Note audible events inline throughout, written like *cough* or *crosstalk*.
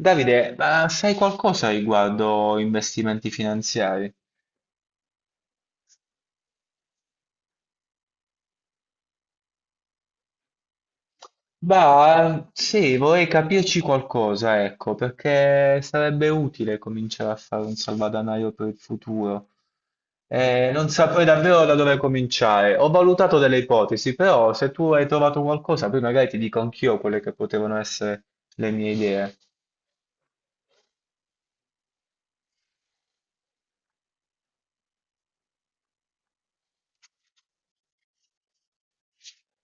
Davide, ma sai qualcosa riguardo investimenti finanziari? Beh, sì, vorrei capirci qualcosa, ecco, perché sarebbe utile cominciare a fare un salvadanaio per il futuro. Non saprei davvero da dove cominciare. Ho valutato delle ipotesi, però se tu hai trovato qualcosa, poi magari ti dico anch'io quelle che potevano essere le mie idee.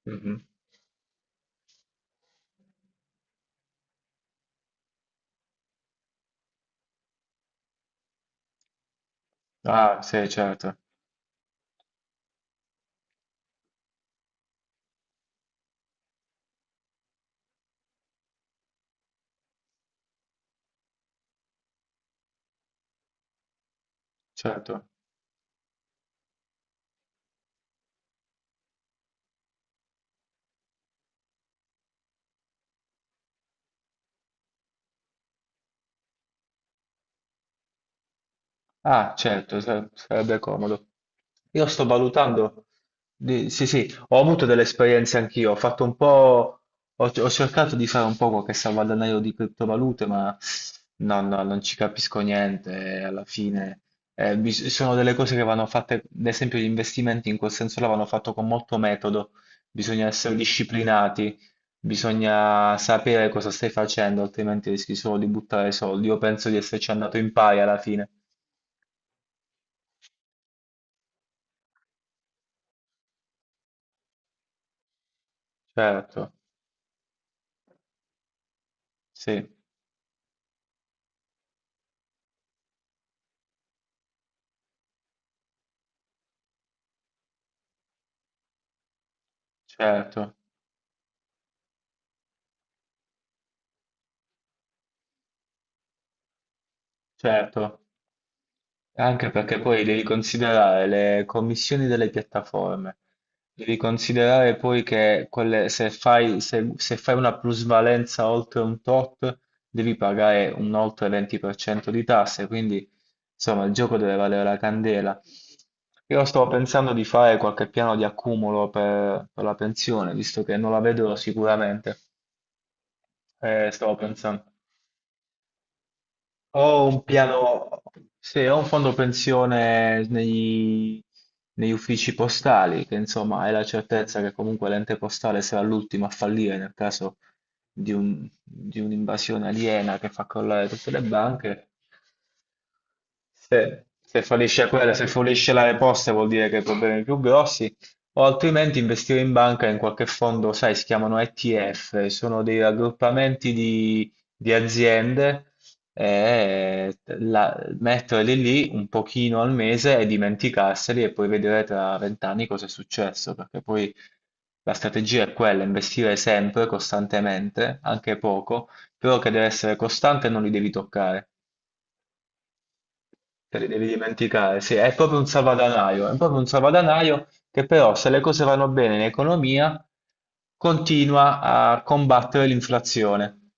Mhm. Ah, sì, certo, certo. Ah, certo, sarebbe comodo. Io sto valutando, sì, sì, ho avuto delle esperienze anch'io, ho fatto un po', ho cercato di fare un po' qualche salvadanaio di criptovalute, ma no, no, non ci capisco niente, alla fine sono delle cose che vanno fatte, ad esempio gli investimenti in quel senso là vanno fatto con molto metodo, bisogna essere disciplinati, bisogna sapere cosa stai facendo, altrimenti rischi solo di buttare soldi. Io penso di esserci andato in pari alla fine. Certo, sì, certo, certo, anche perché poi devi considerare le commissioni delle piattaforme, devi considerare poi che se fai una plusvalenza oltre un tot, devi pagare un oltre 20% di tasse, quindi insomma il gioco deve valere la candela. Io stavo pensando di fare qualche piano di accumulo per la pensione, visto che non la vedo sicuramente. Stavo pensando. Ho un piano, sì, ho un fondo pensione negli uffici postali, che insomma hai la certezza che comunque l'ente postale sarà l'ultimo a fallire nel caso di di un'invasione aliena che fa crollare tutte le banche. Se fallisce quella, se fallisce la Poste vuol dire che hai problemi più grossi, o altrimenti investire in banca in qualche fondo, sai, si chiamano ETF, sono dei raggruppamenti di aziende e metterli lì un pochino al mese e dimenticarseli e poi vedere tra 20 anni cosa è successo, perché poi la strategia è quella, investire sempre, costantemente, anche poco, però che deve essere costante e non li devi toccare. Te li devi dimenticare, sì, è proprio un salvadanaio, è proprio un salvadanaio che però se le cose vanno bene in economia continua a combattere l'inflazione,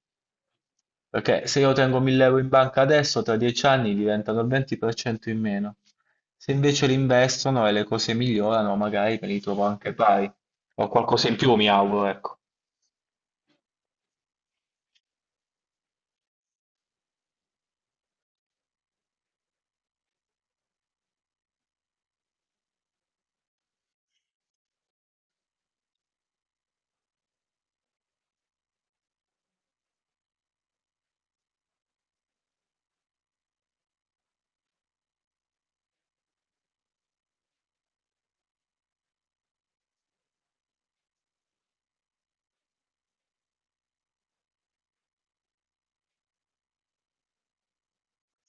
perché se io tengo 1.000 euro in banca adesso, tra 10 anni diventano il 20% in meno. Se invece li investono e le cose migliorano, magari me li trovo anche pari, o qualcosa in più mi auguro, ecco.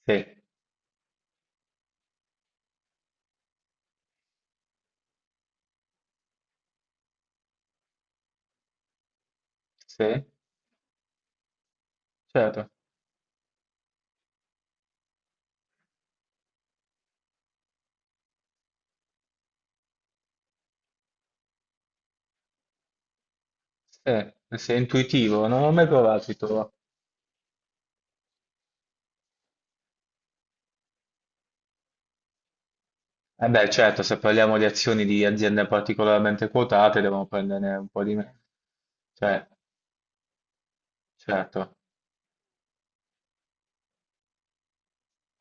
Sì, sì, certo, sì, sei intuitivo, non ho mai provato, si trova. Eh beh, certo, se parliamo di azioni di aziende particolarmente quotate, devono prendere un po' di meno. Cioè, certo,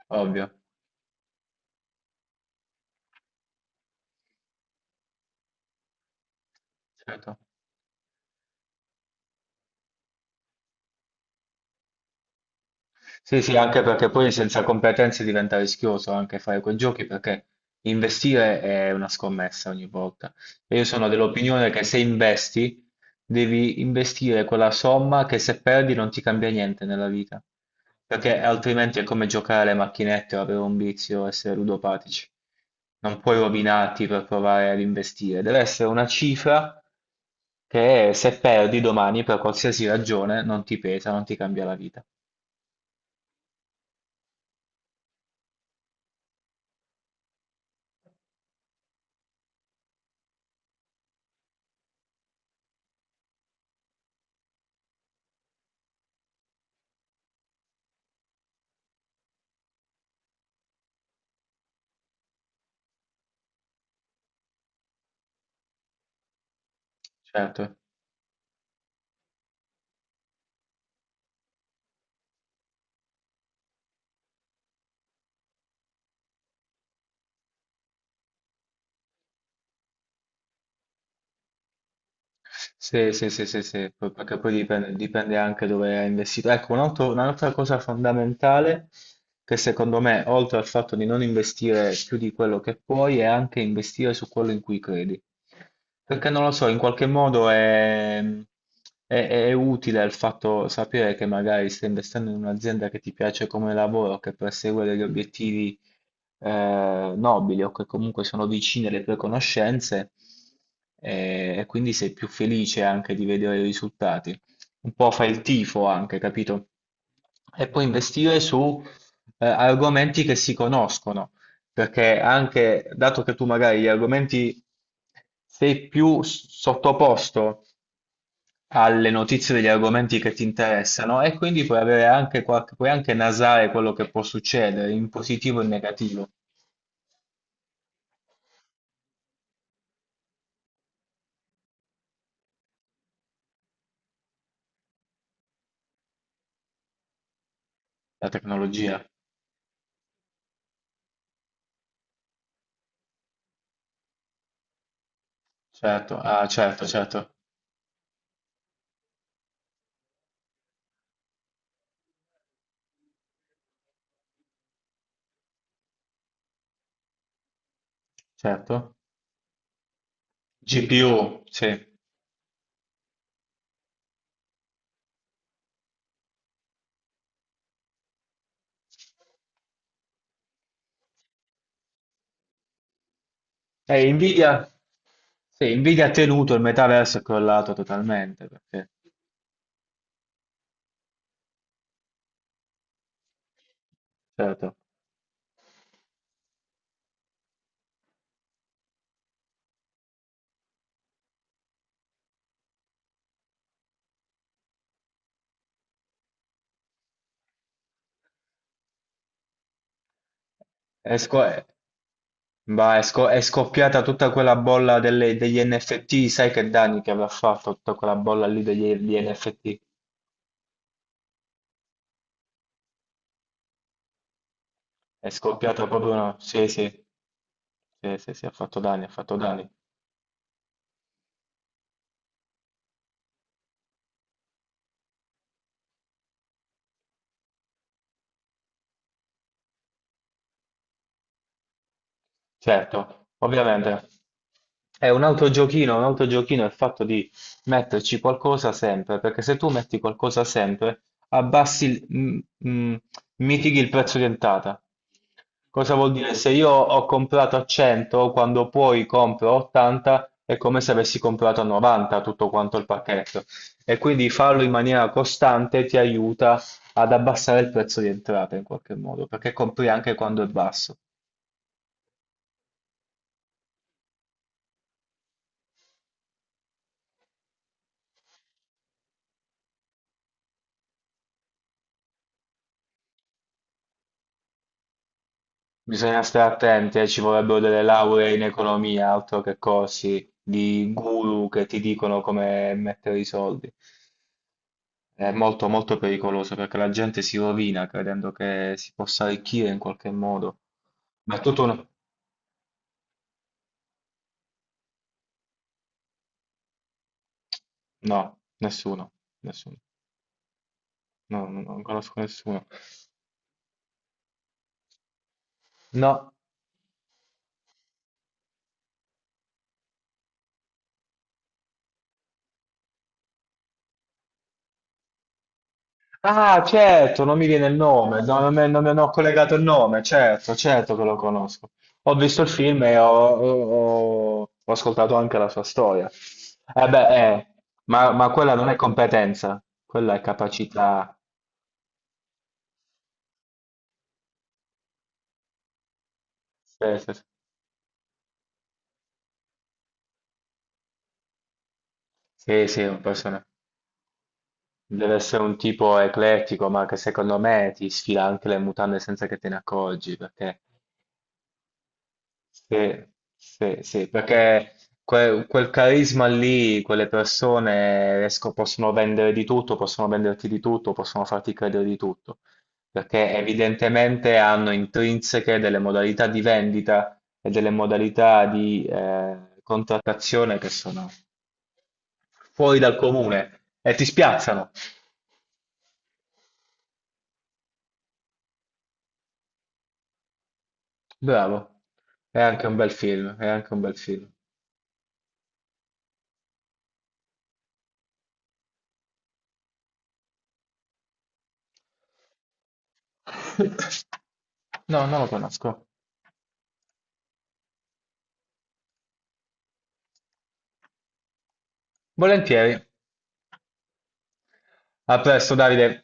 ovvio, certo. Sì, sì, anche perché poi senza competenze diventa rischioso anche fare quei giochi perché investire è una scommessa ogni volta. E io sono dell'opinione che se investi, devi investire quella somma che se perdi non ti cambia niente nella vita, perché altrimenti è come giocare alle macchinette o avere un vizio, essere ludopatici. Non puoi rovinarti per provare ad investire, deve essere una cifra che se perdi domani per qualsiasi ragione non ti pesa, non ti cambia la vita. Certo. Sì, sì, sì, sì, sì, perché poi dipende, dipende anche dove è investito. Ecco, un'altra cosa fondamentale che secondo me, oltre al fatto di non investire più di quello che puoi, è anche investire su quello in cui credi. Perché non lo so, in qualche modo è utile il fatto sapere che magari stai investendo in un'azienda che ti piace come lavoro, che persegue degli obiettivi nobili o che comunque sono vicine alle tue conoscenze e quindi sei più felice anche di vedere i risultati. Un po' fai il tifo anche, capito? E poi investire su argomenti che si conoscono, perché anche dato che tu magari gli argomenti sei più sottoposto alle notizie degli argomenti che ti interessano e quindi puoi avere anche qualche, puoi anche nasare quello che può succedere in positivo e in negativo. La tecnologia, certo, ah certo, certo, certo. GPU, sì. Nvidia, sì, Nvidia ha tenuto il metaverso, è crollato totalmente, perché, certo, è, sco- è- è è scoppiata tutta quella bolla degli NFT, sai che danni che aveva fatto tutta quella bolla lì degli NFT? È scoppiata proprio una... Sì, sì, sì, sì, sì, ha fatto danni, ha fatto danni. Certo, ovviamente. È un altro giochino è il fatto di metterci qualcosa sempre, perché se tu metti qualcosa sempre, abbassi, il- m- m- mitighi il prezzo di entrata. Cosa vuol dire? Se io ho comprato a 100, quando poi compro a 80, è come se avessi comprato a 90 tutto quanto il pacchetto. E quindi farlo in maniera costante ti aiuta ad abbassare il prezzo di entrata in qualche modo, perché compri anche quando è basso. Bisogna stare attenti, ci vorrebbero delle lauree in economia, altro che corsi di guru che ti dicono come mettere i soldi. È molto molto pericoloso perché la gente si rovina credendo che si possa arricchire in qualche modo. Ma è tutto una... No, nessuno, nessuno. No, no, non conosco nessuno. No, ah, certo, non mi viene il nome, non me ne ho collegato il nome, certo, certo che lo conosco. Ho visto il film e ho ascoltato anche la sua storia. Eh beh, ma quella non è competenza, quella è capacità. Sì, sì, sì, sì, sì, deve essere un tipo eclettico, ma che secondo me ti sfila anche le mutande senza che te ne accorgi, perché sì, sì, sì, perché quel carisma lì, quelle persone possono vendere di tutto, possono venderti di tutto, possono farti credere di tutto, perché evidentemente hanno intrinseche delle modalità di vendita e delle modalità di contrattazione che sono fuori dal comune e ti spiazzano. Bravo, è anche un bel film, è anche un bel film. *laughs* No, non lo conosco. Volentieri. A presto, Davide!